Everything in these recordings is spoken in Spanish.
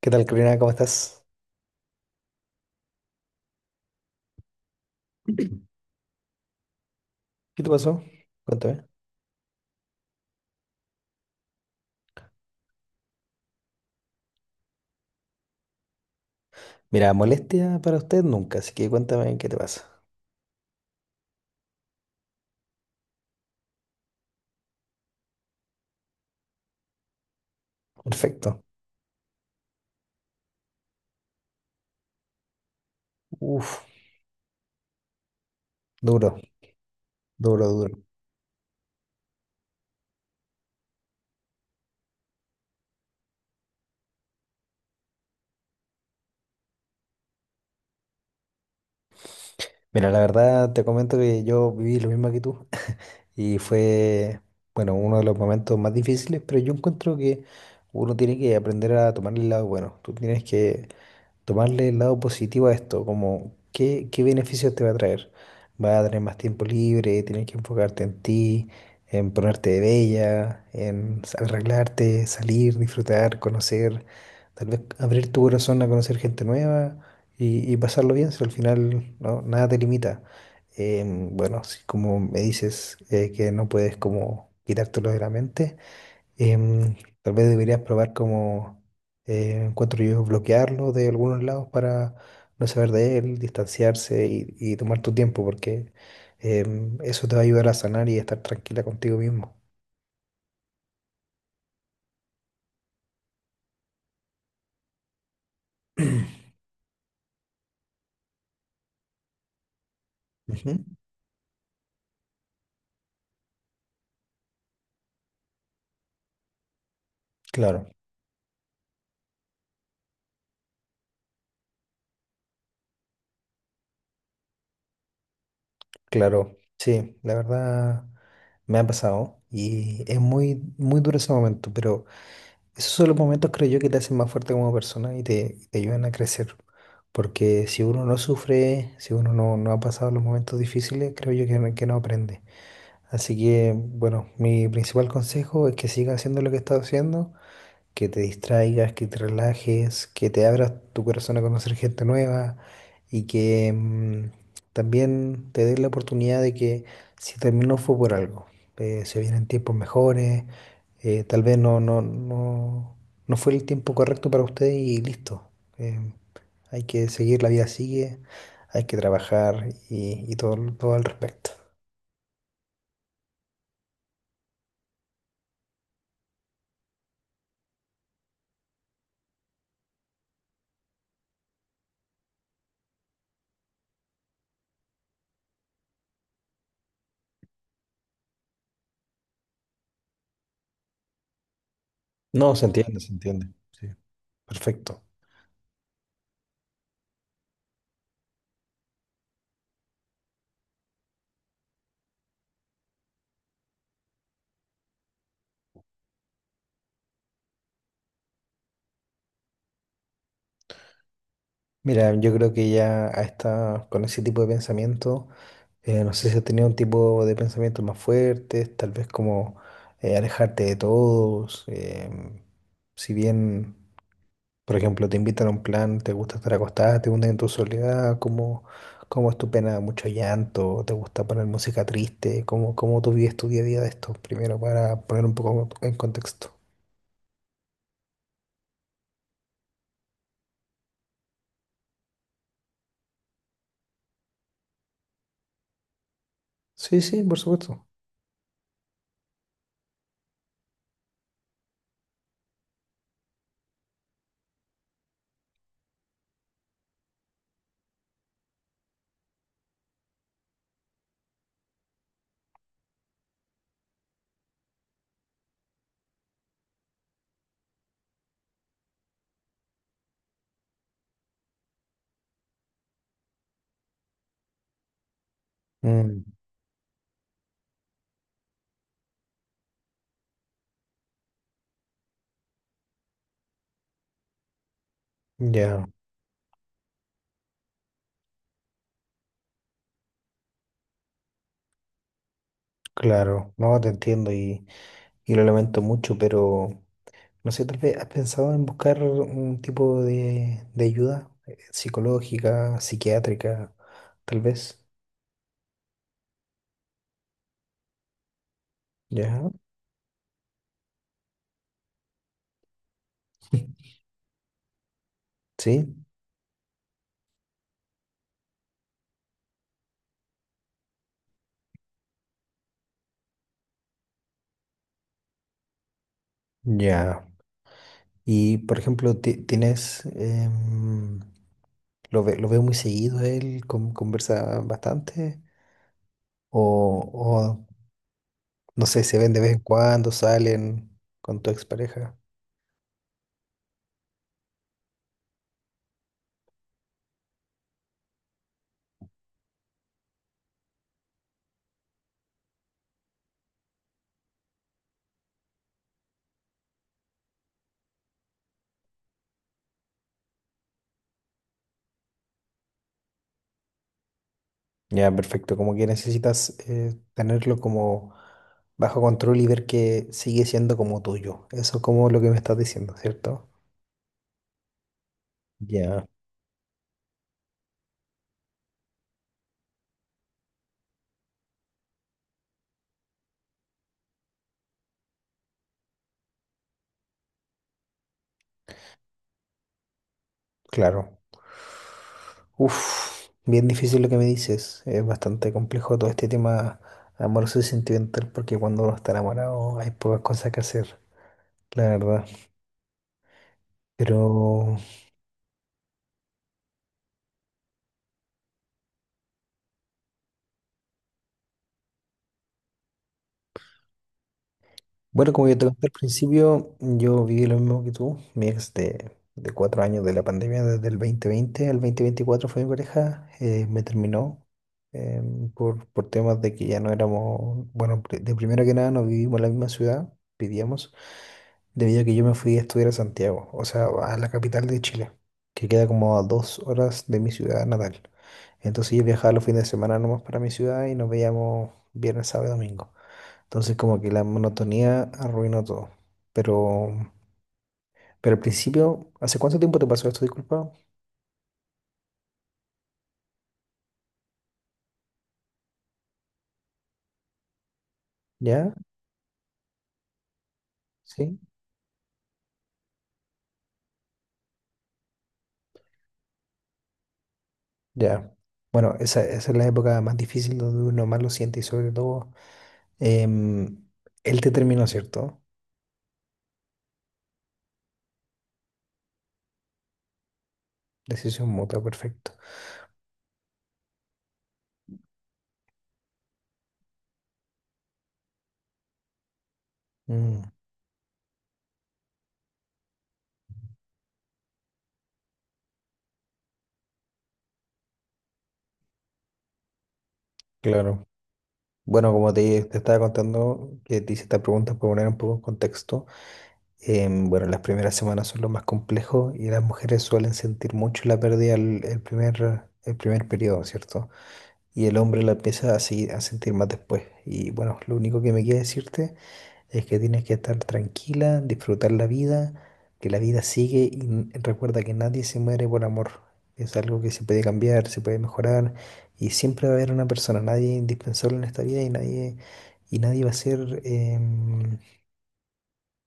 ¿Qué tal, Karina? ¿Cómo estás? ¿Qué te pasó? Cuéntame. Mira, molestia para usted nunca, así que cuéntame qué te pasa. Perfecto. Uf, duro, duro, duro. Mira, la verdad te comento que yo viví lo mismo que tú y fue, bueno, uno de los momentos más difíciles, pero yo encuentro que uno tiene que aprender a tomar el lado bueno. Tú tienes que tomarle el lado positivo a esto, como qué, qué beneficios te va a traer. Va a tener más tiempo libre, tienes que enfocarte en ti, en ponerte de bella, en arreglarte, salir, disfrutar, conocer, tal vez abrir tu corazón a conocer gente nueva y pasarlo bien, si al final no, nada te limita. Bueno, si como me dices que no puedes como quitártelo de la mente. Em, Tal vez deberías probar como encuentro yo bloquearlo de algunos lados para no saber de él, distanciarse y tomar tu tiempo, porque eso te va a ayudar a sanar y a estar tranquila contigo mismo. Ujú. Claro. Claro, sí, la verdad me ha pasado y es muy, muy duro ese momento, pero esos son los momentos, creo yo, que te hacen más fuerte como persona y te ayudan a crecer. Porque si uno no sufre, si uno no, no ha pasado los momentos difíciles, creo yo que, que no aprende. Así que, bueno, mi principal consejo es que siga haciendo lo que está haciendo, que te distraigas, que te relajes, que te abras tu corazón a conocer gente nueva y que también te des la oportunidad de que si terminó fue por algo. Se vienen tiempos mejores, tal vez no fue el tiempo correcto para usted y listo. Em, Hay que seguir, la vida sigue, hay que trabajar y todo, todo al respecto. No, se entiende, se entiende. Sí. Perfecto. Mira, yo creo que ya con ese tipo de pensamiento, no sé si has tenido un tipo de pensamientos más fuertes, tal vez como alejarte de todos. Si bien, por ejemplo, te invitan a un plan, te gusta estar acostada, te hundes en tu soledad, ¿cómo, cómo es tu pena? ¿Mucho llanto? ¿Te gusta poner música triste? ¿Cómo, cómo tú vives tu día a día de esto? Primero, para poner un poco en contexto. Sí, sí, por supuesto. Mm, ya, claro, no, te entiendo y lo lamento mucho, pero no sé, tal vez has pensado en buscar un tipo de ayuda, psicológica, psiquiátrica, tal vez. ¿Ya? ¿Sí? Ya. Y, por ejemplo, tienes... lo, lo veo muy seguido, él conversa bastante. O, o, no sé, se ven de vez en cuando, salen con tu expareja. Ya, perfecto. Como que necesitas, tenerlo como bajo control y ver que sigue siendo como tuyo. Eso es como lo que me estás diciendo, ¿cierto? Ya, claro. Uf, bien difícil lo que me dices. Es bastante complejo todo este tema amoroso y sentimental porque cuando uno está enamorado hay pocas cosas que hacer, la verdad. Pero bueno, como yo te conté al principio, yo viví lo mismo que tú. Mi ex de cuatro años de la pandemia, desde el 2020 al 2024 fue mi pareja, me terminó eh, por temas de que ya no éramos, bueno, de primero que nada no vivimos en la misma ciudad, vivíamos, debido a que yo me fui a estudiar a Santiago, o sea, a la capital de Chile, que queda como a dos horas de mi ciudad natal. Entonces yo viajaba los fines de semana nomás para mi ciudad y nos veíamos viernes, sábado y domingo. Entonces como que la monotonía arruinó todo. Pero, pero al principio, ¿hace cuánto tiempo te pasó esto? Disculpa. ¿Ya? ¿Sí? Ya. Bueno, esa es la época más difícil donde uno más lo siente y sobre todo, em, él te terminó, ¿cierto? Decisión mutua, perfecto. Mm, claro. Bueno, como te estaba contando, que te hice esta pregunta para poner un poco en contexto. Bueno, las primeras semanas son lo más complejo y las mujeres suelen sentir mucho la pérdida el primer periodo, ¿cierto? Y el hombre la empieza así a sentir más después. Y bueno, lo único que me queda decirte es que tienes que estar tranquila, disfrutar la vida, que la vida sigue y recuerda que nadie se muere por amor. Es algo que se puede cambiar, se puede mejorar y siempre va a haber una persona, nadie es indispensable en esta vida y nadie va a ser, em,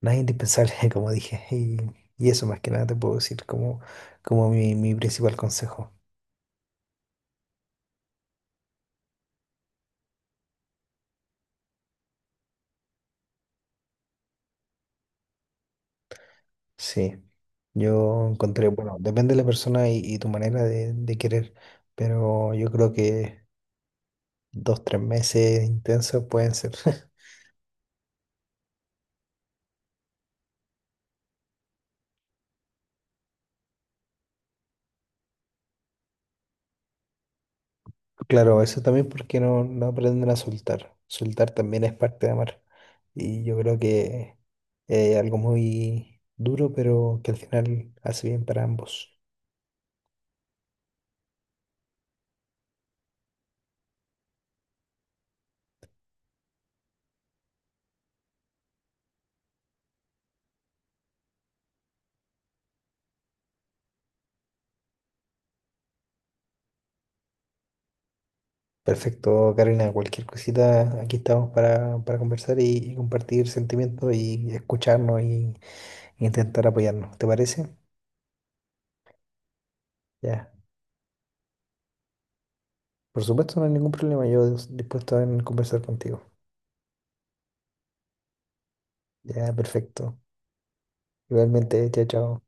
nadie es indispensable, como dije. Y y eso más que nada te puedo decir como, como mi principal consejo. Sí, yo encontré, bueno, depende de la persona y tu manera de querer, pero yo creo que dos, tres meses intensos pueden ser. Claro, eso también porque no, no aprenden a soltar. Soltar también es parte de amar. Y yo creo que es algo muy duro, pero que al final hace bien para ambos. Perfecto, Karina, cualquier cosita, aquí estamos para conversar y compartir sentimientos y escucharnos y intentar apoyarnos. ¿Te parece? Ya, por supuesto, no hay ningún problema. Yo dispuesto a conversar contigo. Ya, perfecto. Igualmente, chao, chao.